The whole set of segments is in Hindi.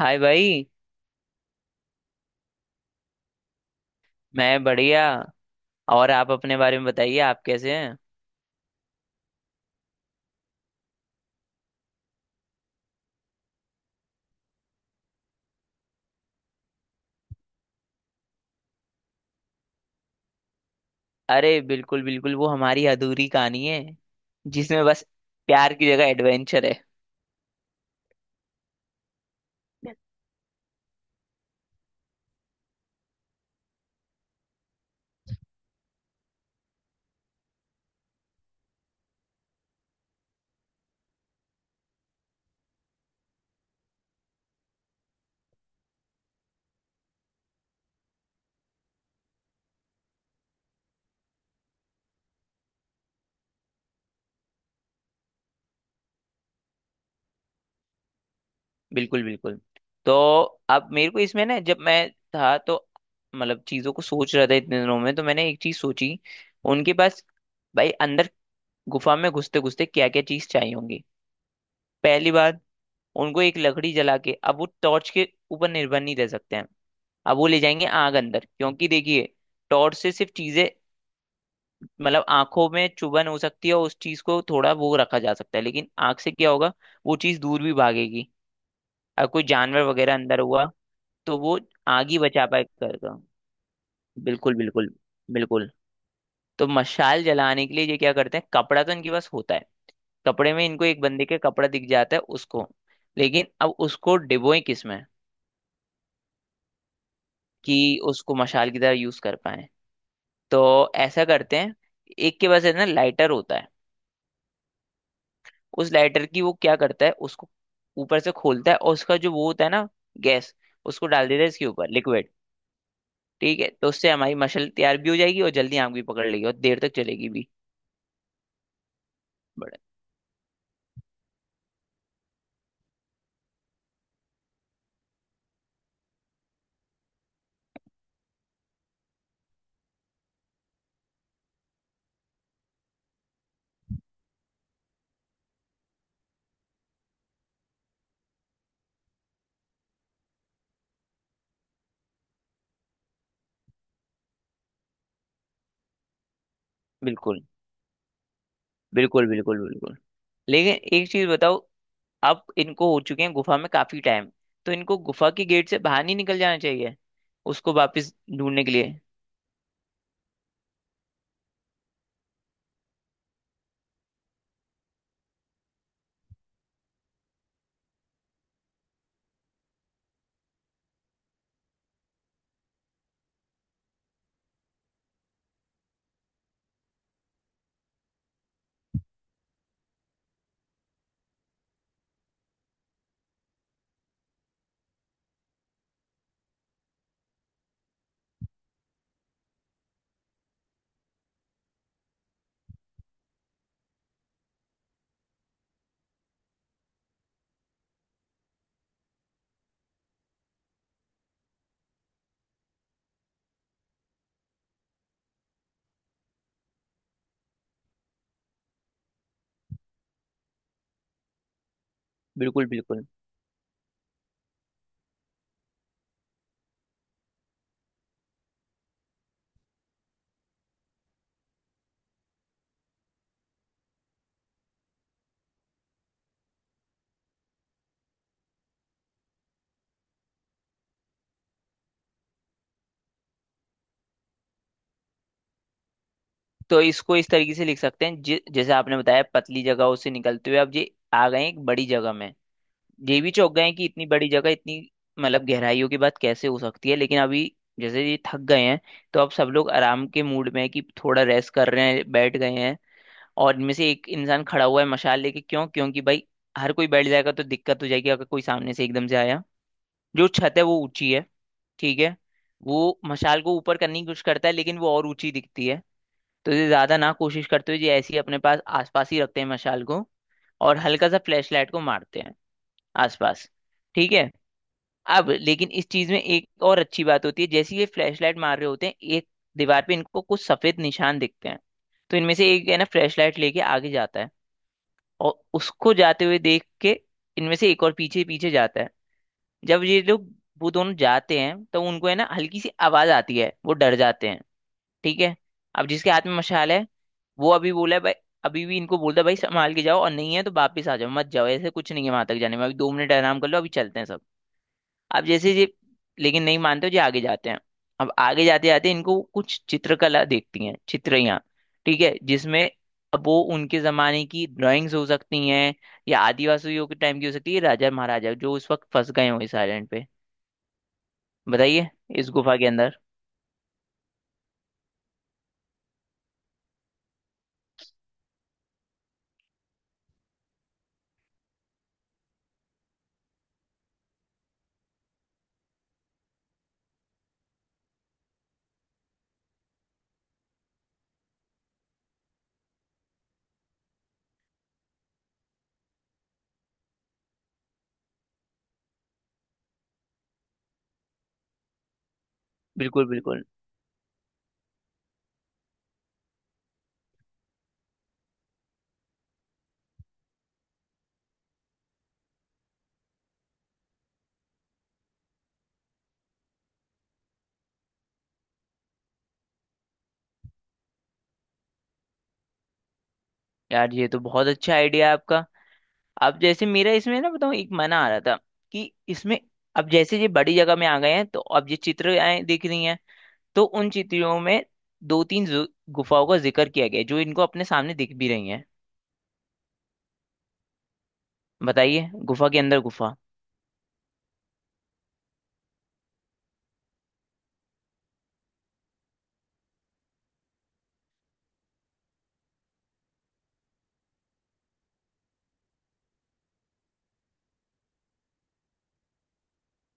हाय भाई। मैं बढ़िया। और आप अपने बारे में बताइए, आप कैसे हैं। अरे बिल्कुल बिल्कुल, वो हमारी अधूरी कहानी है जिसमें बस प्यार की जगह एडवेंचर है। बिल्कुल बिल्कुल। तो अब मेरे को इसमें ना, जब मैं था तो मतलब चीजों को सोच रहा था, इतने दिनों में तो मैंने एक चीज सोची। उनके पास, भाई, अंदर गुफा में घुसते घुसते क्या क्या चीज चाहिए होंगी। पहली बात, उनको एक लकड़ी जला के अब वो टॉर्च के ऊपर निर्भर नहीं रह सकते हैं। अब वो ले जाएंगे आग अंदर, क्योंकि देखिए टॉर्च से सिर्फ चीजें मतलब आंखों में चुभन हो सकती है और उस चीज को थोड़ा वो रखा जा सकता है, लेकिन आग से क्या होगा, वो चीज दूर भी भागेगी अगर कोई जानवर वगैरह अंदर हुआ तो वो आग ही बचा पाएगा। बिल्कुल बिल्कुल बिल्कुल। तो मशाल जलाने के लिए ये क्या करते हैं, कपड़ा तो इनके पास होता है। कपड़े में इनको एक बंदे के कपड़ा दिख जाता है उसको। लेकिन अब उसको डिबोए किसमें कि उसको मशाल की तरह यूज कर पाए। तो ऐसा करते हैं, एक के पास है ना लाइटर होता है। उस लाइटर की वो क्या करता है, उसको ऊपर से खोलता है और उसका जो वो होता है ना, गैस, उसको डाल देता है इसके ऊपर, लिक्विड। ठीक है, तो उससे हमारी मशल तैयार भी हो जाएगी और जल्दी आग भी पकड़ लेगी और देर तक चलेगी भी। बड़े। बिल्कुल बिल्कुल बिल्कुल बिल्कुल। लेकिन एक चीज बताओ, अब इनको हो चुके हैं गुफा में काफी टाइम, तो इनको गुफा के गेट से बाहर नहीं निकल जाना चाहिए उसको वापस ढूंढने के लिए। बिल्कुल बिल्कुल। तो इसको इस तरीके से लिख सकते हैं, जैसे आपने बताया, पतली जगहों से निकलते हुए अब ये आ गए हैं एक बड़ी जगह में। ये भी चौंक गए हैं कि इतनी बड़ी जगह, इतनी मतलब गहराइयों की बात कैसे हो सकती है, लेकिन अभी जैसे ये थक गए हैं तो अब सब लोग आराम के मूड में है कि थोड़ा रेस्ट कर रहे हैं, बैठ गए हैं और इनमें से एक इंसान खड़ा हुआ है मशाल लेके, क्यों? क्योंकि भाई हर कोई बैठ जाएगा तो दिक्कत हो जाएगी अगर कोई सामने से एकदम से आया। जो छत है वो ऊंची है, ठीक है। वो मशाल को ऊपर करने की कोशिश करता है लेकिन वो और ऊंची दिखती है, तो ये ज्यादा ना कोशिश करते हुए ये ऐसे ही अपने पास आसपास ही रखते हैं मशाल को और हल्का सा फ्लैशलाइट को मारते हैं आसपास। ठीक है। अब लेकिन इस चीज में एक और अच्छी बात होती है, जैसे ही ये फ्लैशलाइट मार रहे होते हैं एक दीवार पे इनको कुछ सफेद निशान दिखते हैं। तो इनमें से एक है ना, फ्लैशलाइट लेके आगे जाता है, और उसको जाते हुए देख के इनमें से एक और पीछे पीछे जाता है। जब ये लोग, वो दोनों जाते हैं, तो उनको है ना हल्की सी आवाज आती है, वो डर जाते हैं, ठीक है। अब जिसके हाथ में मशाल है वो अभी बोला है भाई, अभी भी इनको बोलता है, भाई संभाल के जाओ और नहीं है तो वापिस आ जाओ, मत जाओ, ऐसे कुछ नहीं है, वहां तक जाने में अभी 2 मिनट आराम कर लो अभी चलते हैं सब। अब जैसे ये, लेकिन नहीं मानते जी, आगे जाते हैं। अब आगे जाते जाते इनको कुछ चित्रकला देखती हैं, चित्रियां, ठीक है, जिसमें अब वो उनके जमाने की ड्राइंग्स हो सकती हैं या आदिवासियों के टाइम की हो सकती है, राजा महाराजा जो उस वक्त फंस गए हो इस आइलैंड पे। बताइए, इस गुफा के अंदर। बिल्कुल बिल्कुल। यार ये तो बहुत अच्छा आइडिया है आपका। अब जैसे मेरा इसमें ना, बताऊँ, एक मना आ रहा था कि इसमें अब जैसे ये बड़ी जगह में आ गए हैं तो अब ये चित्र आए दिख रही हैं, तो उन चित्रों में दो तीन गुफाओं का जिक्र किया गया है, जो इनको अपने सामने दिख भी रही हैं। बताइए, गुफा के अंदर गुफा।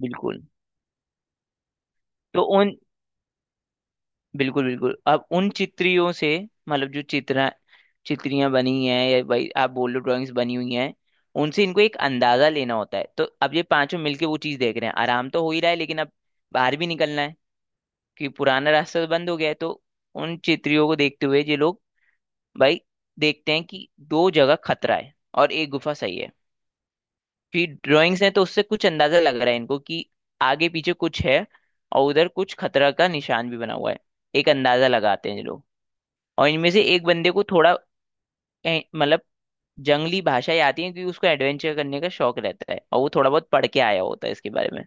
बिल्कुल। तो उन, बिल्कुल बिल्कुल, अब उन चित्रियों से मतलब जो चित्र, चित्रियां बनी हैं, या भाई आप बोल लो ड्राइंग्स बनी हुई हैं, उनसे इनको एक अंदाजा लेना होता है। तो अब ये पांचों मिलके वो चीज देख रहे हैं, आराम तो हो ही रहा है लेकिन अब बाहर भी निकलना है कि पुराना रास्ता तो बंद हो गया है। तो उन चित्रियों को देखते हुए ये लोग, भाई, देखते हैं कि दो जगह खतरा है और एक गुफा सही है। कि ड्राइंग्स हैं तो उससे कुछ अंदाजा लग रहा है इनको कि आगे पीछे कुछ है और उधर कुछ खतरा का निशान भी बना हुआ है, एक अंदाजा लगाते हैं ये लोग। और इनमें से एक बंदे को थोड़ा मतलब जंगली भाषाएं आती हैं क्योंकि उसको एडवेंचर करने का शौक रहता है और वो थोड़ा बहुत पढ़ के आया होता है इसके बारे में।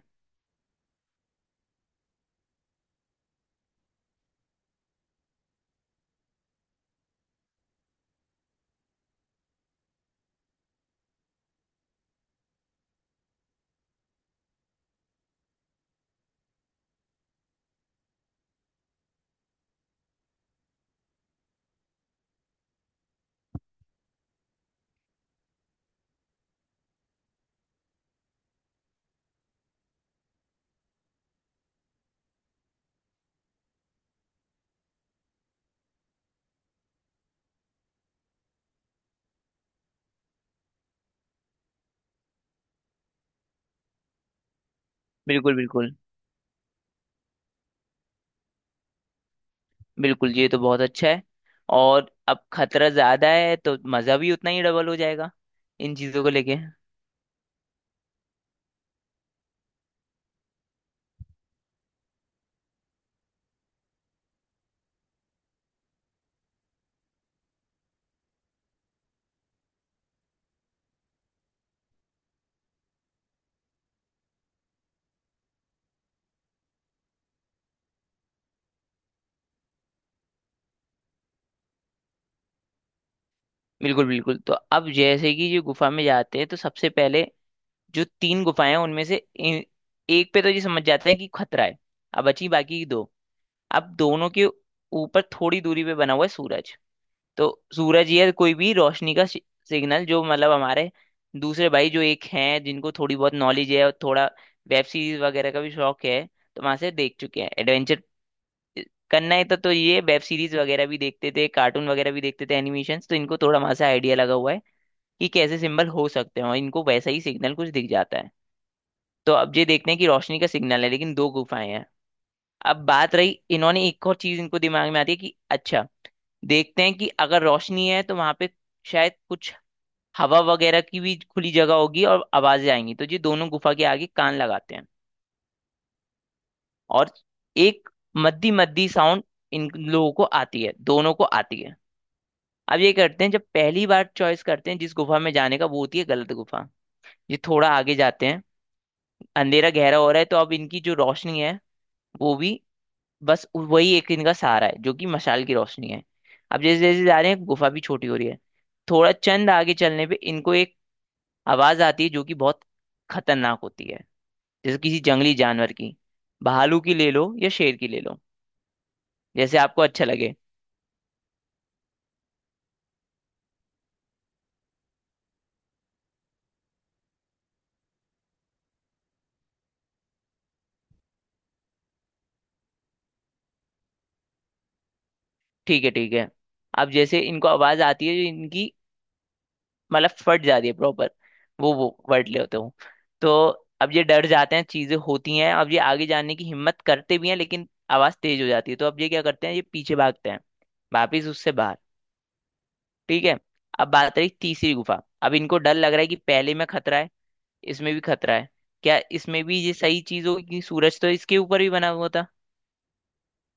बिल्कुल बिल्कुल बिल्कुल। ये तो बहुत अच्छा है, और अब खतरा ज्यादा है तो मजा भी उतना ही डबल हो जाएगा इन चीजों को लेके। बिल्कुल बिल्कुल। तो अब जैसे कि जो गुफा में जाते हैं तो सबसे पहले जो तीन गुफाएं हैं उनमें से एक पे तो ये समझ जाते हैं कि खतरा है। अब बची बाकी की दो। अब दोनों के ऊपर थोड़ी दूरी पे बना हुआ है सूरज। तो सूरज या कोई भी रोशनी का सिग्नल, जो मतलब हमारे दूसरे भाई जो एक हैं जिनको थोड़ी बहुत नॉलेज है और थोड़ा वेब सीरीज वगैरह का भी शौक है, तो वहां से देख चुके हैं, एडवेंचर करना है तो ये वेब सीरीज वगैरह भी देखते थे, कार्टून वगैरह भी देखते थे, एनिमेशन, तो इनको थोड़ा वहां से आइडिया लगा हुआ है कि कैसे सिंबल हो सकते हैं और इनको वैसा ही सिग्नल कुछ दिख जाता है। तो अब ये देखते हैं कि रोशनी का सिग्नल है लेकिन दो गुफाएं हैं। अब बात रही, इन्होंने एक और चीज इनको दिमाग में आती है कि अच्छा देखते हैं कि अगर रोशनी है तो वहां पे शायद कुछ हवा वगैरह की भी खुली जगह होगी और आवाजें आएंगी, तो ये दोनों गुफा के आगे कान लगाते हैं। और एक मद्दी मद्दी साउंड इन लोगों को आती है, दोनों को आती है। अब ये करते हैं, जब पहली बार चॉइस करते हैं जिस गुफा में जाने का, वो होती है गलत गुफा। ये थोड़ा आगे जाते हैं, अंधेरा गहरा हो रहा है तो अब इनकी जो रोशनी है वो भी, बस वही एक इनका सहारा है जो कि मशाल की रोशनी है। अब जैसे जैसे जा रहे हैं गुफा भी छोटी हो रही है, थोड़ा चंद आगे चलने पे इनको एक आवाज आती है जो कि बहुत खतरनाक होती है, जैसे किसी जंगली जानवर की, भालू की ले लो या शेर की ले लो, जैसे आपको अच्छा लगे। ठीक है ठीक है। अब जैसे इनको आवाज आती है जो इनकी मतलब फट जाती है प्रॉपर, वो वर्ड लेते हो। तो अब ये डर जाते हैं, चीजें होती हैं, अब ये आगे जाने की हिम्मत करते भी हैं लेकिन आवाज तेज हो जाती है तो अब ये क्या करते हैं, ये पीछे भागते हैं वापिस उससे बाहर। ठीक है। अब बात रही तीसरी गुफा, अब इनको डर लग रहा है कि पहले में खतरा है, इसमें भी खतरा है, क्या इसमें भी ये सही चीज होगी कि सूरज तो इसके ऊपर भी बना हुआ था।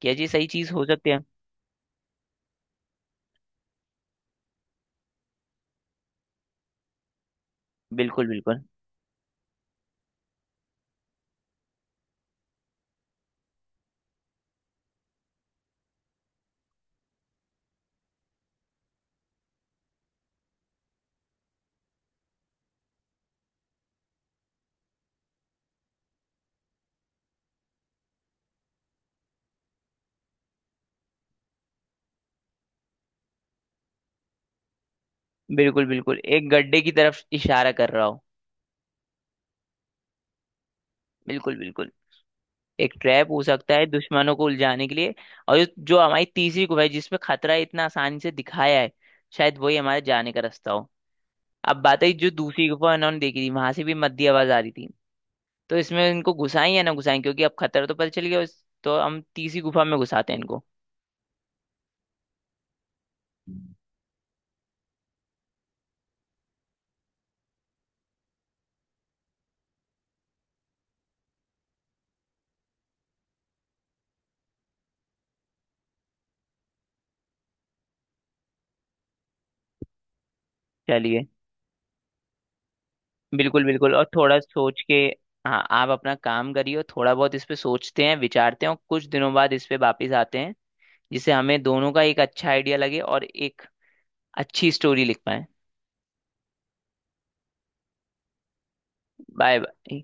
क्या जी सही चीज हो सकती है। बिल्कुल बिल्कुल। बिल्कुल बिल्कुल, एक गड्ढे की तरफ इशारा कर रहा हो। बिल्कुल बिल्कुल। एक ट्रैप हो सकता है दुश्मनों को उलझाने के लिए। और जो जो हमारी तीसरी गुफा है जिसमें खतरा इतना आसानी से दिखाया है, शायद वही हमारे जाने का रास्ता हो। अब बात है जो दूसरी गुफा इन्होंने देखी थी वहां से भी मद्दी आवाज आ रही थी, तो इसमें इनको घुसाएं या ना घुसाएं क्योंकि अब खतरा तो पता चल गया तो हम तीसरी गुफा में घुसाते हैं इनको। चलिए। बिल्कुल बिल्कुल। और थोड़ा सोच के, हाँ, आप अपना काम करिए और थोड़ा बहुत इस पे सोचते हैं विचारते हैं और कुछ दिनों बाद इस पे वापिस आते हैं, जिससे हमें दोनों का एक अच्छा आइडिया लगे और एक अच्छी स्टोरी लिख पाए। Bye bye.